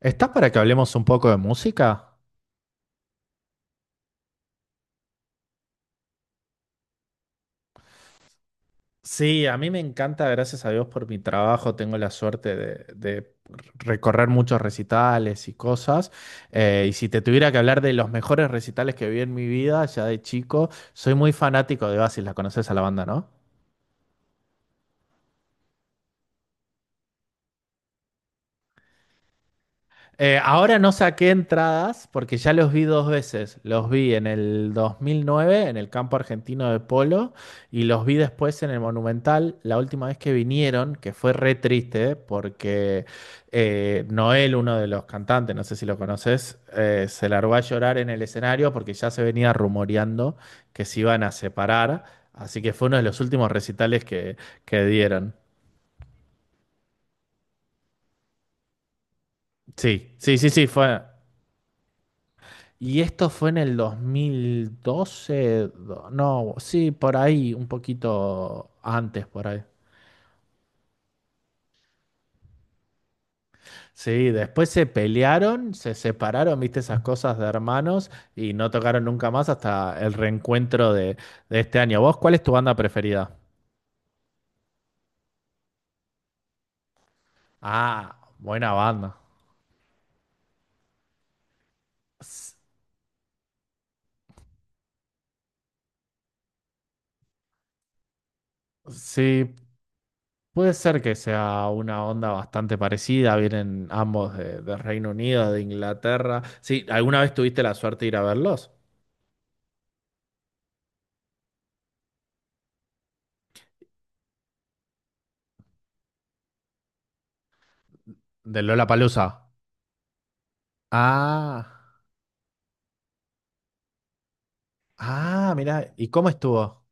¿Estás para que hablemos un poco de música? Sí, a mí me encanta, gracias a Dios por mi trabajo, tengo la suerte de recorrer muchos recitales y cosas. Y si te tuviera que hablar de los mejores recitales que vi en mi vida, ya de chico, soy muy fanático de Oasis, la conoces a la banda, ¿no? Ahora no saqué entradas porque ya los vi dos veces. Los vi en el 2009 en el campo argentino de polo y los vi después en el Monumental la última vez que vinieron, que fue re triste porque Noel, uno de los cantantes, no sé si lo conoces, se largó a llorar en el escenario porque ya se venía rumoreando que se iban a separar. Así que fue uno de los últimos recitales que dieron. Sí, sí, sí, sí, fue. Y esto fue en el 2012, do- no, sí, por ahí, un poquito antes, por ahí. Sí, después se pelearon, se separaron, viste esas cosas de hermanos y no tocaron nunca más hasta el reencuentro de este año. ¿Vos cuál es tu banda preferida? Ah, buena banda. S- sí, puede ser que sea una onda bastante parecida, vienen ambos de Reino Unido, de Inglaterra. Sí, ¿alguna vez tuviste la suerte de ir a verlos? Del Lollapalooza. Ah, ah, mirá, ¿y cómo estuvo?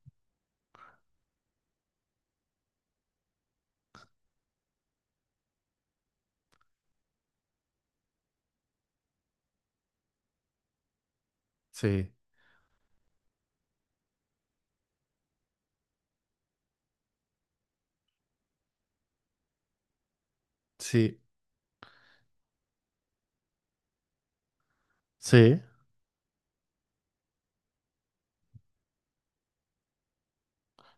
Sí, sí, sí.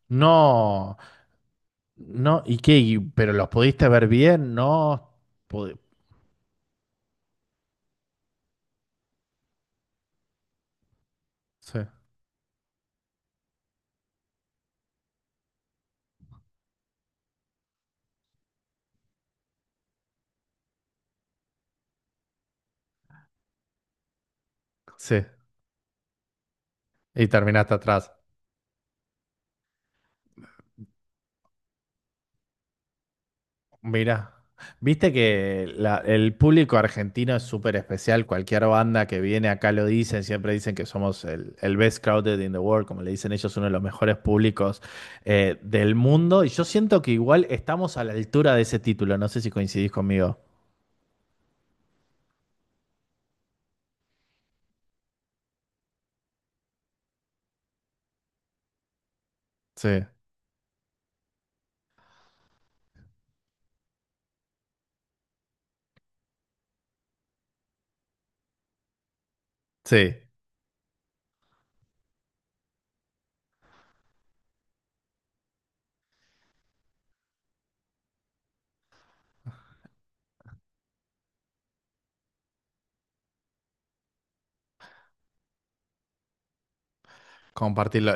No, no, ¿y qué? ¿Y- ¿Pero los pudiste ver bien? No, pude- sí, sí. Y terminaste atrás. Mira, viste que la- el público argentino es súper especial. Cualquier banda que viene acá lo dicen, siempre dicen que somos el best crowded in the world, como le dicen ellos, uno de los mejores públicos del mundo. Y yo siento que igual estamos a la altura de ese título. No sé si coincidís conmigo. Sí, sí, compartirlo.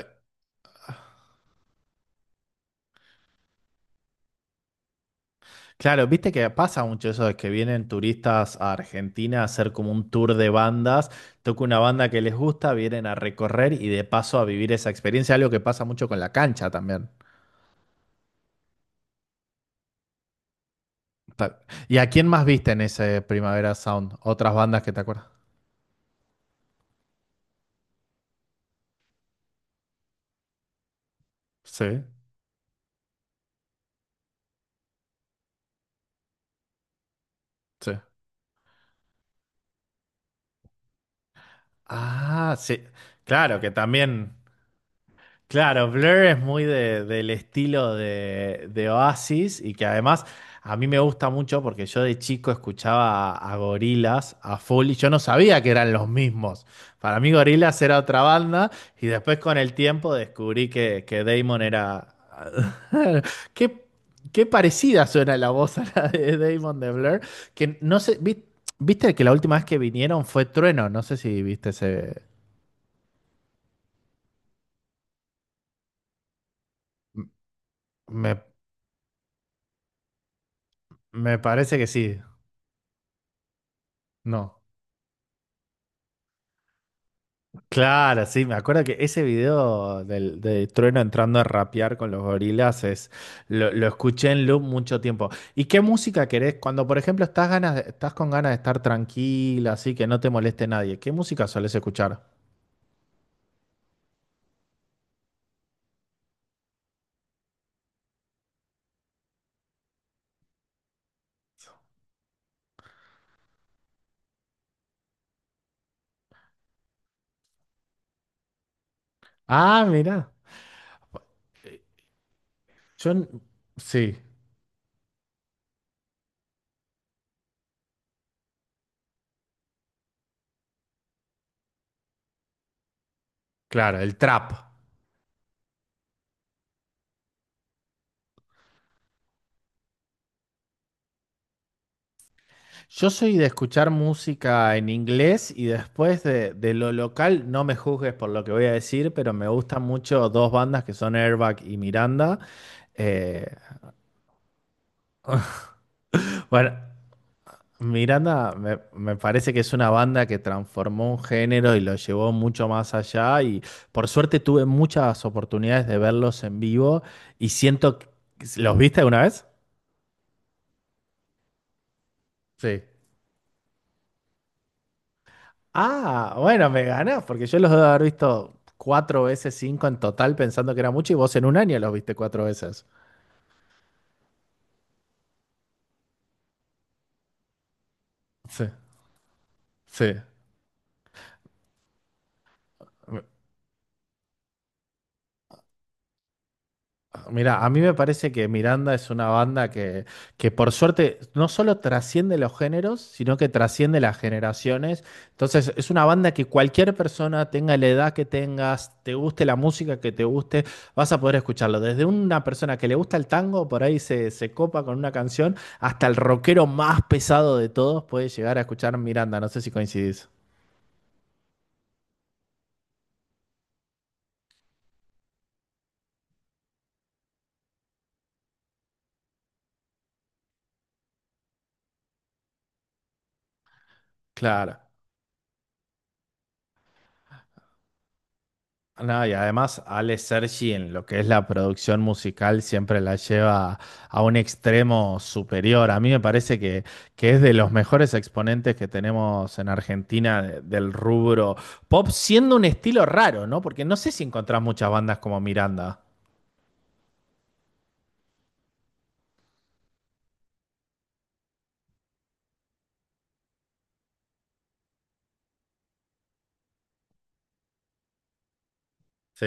Claro, viste que pasa mucho eso de que vienen turistas a Argentina a hacer como un tour de bandas, toca una banda que les gusta, vienen a recorrer y de paso a vivir esa experiencia, algo que pasa mucho con la cancha también. Ta- ¿Y a quién más viste en ese Primavera Sound? ¿Otras bandas que te acuerdas? Sí, sí. Ah, sí. Claro, que también. Claro, Blur es muy de- del estilo de Oasis y que además a mí me gusta mucho porque yo de chico escuchaba a Gorilas a full y yo no sabía que eran los mismos. Para mí Gorilas era otra banda y después con el tiempo descubrí que Damon era... Qué, qué parecida suena la voz a la de Damon de Blur, que no sé, vi- viste que la última vez que vinieron fue Trueno, no sé si viste ese... Me, me parece que sí, no. Claro, sí, me acuerdo que ese video del, de Trueno entrando a rapear con los gorilas es, lo escuché en loop mucho tiempo. ¿Y qué música querés? Cuando, por ejemplo, estás ganas, de- estás con ganas de estar tranquila, así que no te moleste nadie, ¿qué música solés escuchar? Ah, mira, yo, n- sí, claro, el trap. Yo soy de escuchar música en inglés y después de lo local, no me juzgues por lo que voy a decir, pero me gustan mucho dos bandas que son Airbag y Miranda. eh, Bueno, Miranda me, me parece que es una banda que transformó un género y lo llevó mucho más allá y por suerte tuve muchas oportunidades de verlos en vivo y siento que- ¿Los viste alguna vez? Sí. Ah, bueno, me ganás, porque yo los debo haber visto cuatro veces, cinco en total, pensando que era mucho y vos en un año los viste cuatro veces. Sí, sí. Mira, a mí me parece que Miranda es una banda que por suerte no solo trasciende los géneros, sino que trasciende las generaciones. Entonces, es una banda que cualquier persona, tenga la edad que tengas, te guste la música que te guste, vas a poder escucharlo. Desde una persona que le gusta el tango, por ahí se copa con una canción, hasta el rockero más pesado de todos puede llegar a escuchar Miranda. No sé si coincidís. Claro. No, y además Ale Sergi en lo que es la producción musical siempre la lleva a un extremo superior. A mí me parece que es de los mejores exponentes que tenemos en Argentina de- del rubro pop, siendo un estilo raro, ¿no? Porque no sé si encontrás muchas bandas como Miranda. Sí.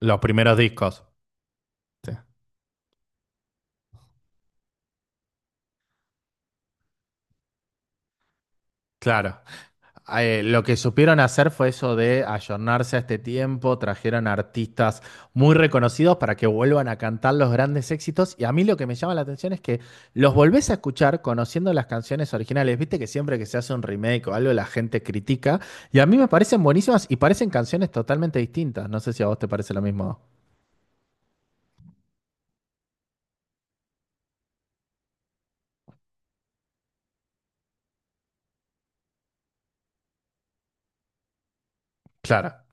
Los primeros discos. Sí. Claro. Lo que supieron hacer fue eso de ayornarse a este tiempo, trajeron artistas muy reconocidos para que vuelvan a cantar los grandes éxitos y a mí lo que me llama la atención es que los volvés a escuchar conociendo las canciones originales, viste que siempre que se hace un remake o algo la gente critica y a mí me parecen buenísimas y parecen canciones totalmente distintas, no sé si a vos te parece lo mismo. Claro.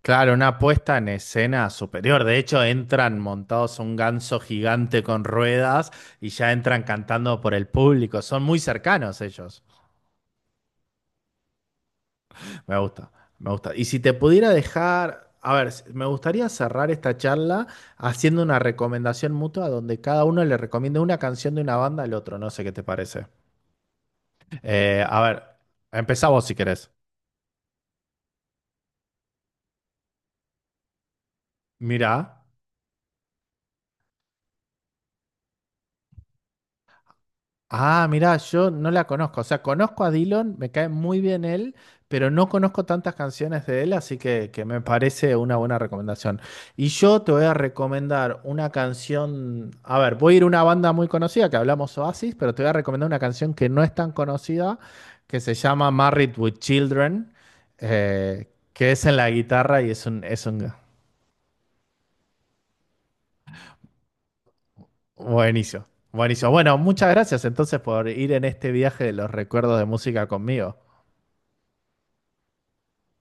Claro, una puesta en escena superior. De hecho, entran montados un ganso gigante con ruedas y ya entran cantando por el público. Son muy cercanos ellos. Me gusta, me gusta. Y si te pudiera dejar, a ver, s- me gustaría cerrar esta charla haciendo una recomendación mutua donde cada uno le recomiende una canción de una banda al otro. No sé qué te parece. A ver, empezá vos si querés. Mirá. Ah, mirá, yo no la conozco. O sea, conozco a Dylan, me cae muy bien él, pero no conozco tantas canciones de él, así que me parece una buena recomendación. Y yo te voy a recomendar una canción. A ver, voy a ir a una banda muy conocida que hablamos Oasis, pero te voy a recomendar una canción que no es tan conocida, que se llama Married with Children, que es en la guitarra y es un buenísimo. Buenísimo. Bueno, muchas gracias entonces por ir en este viaje de los recuerdos de música conmigo.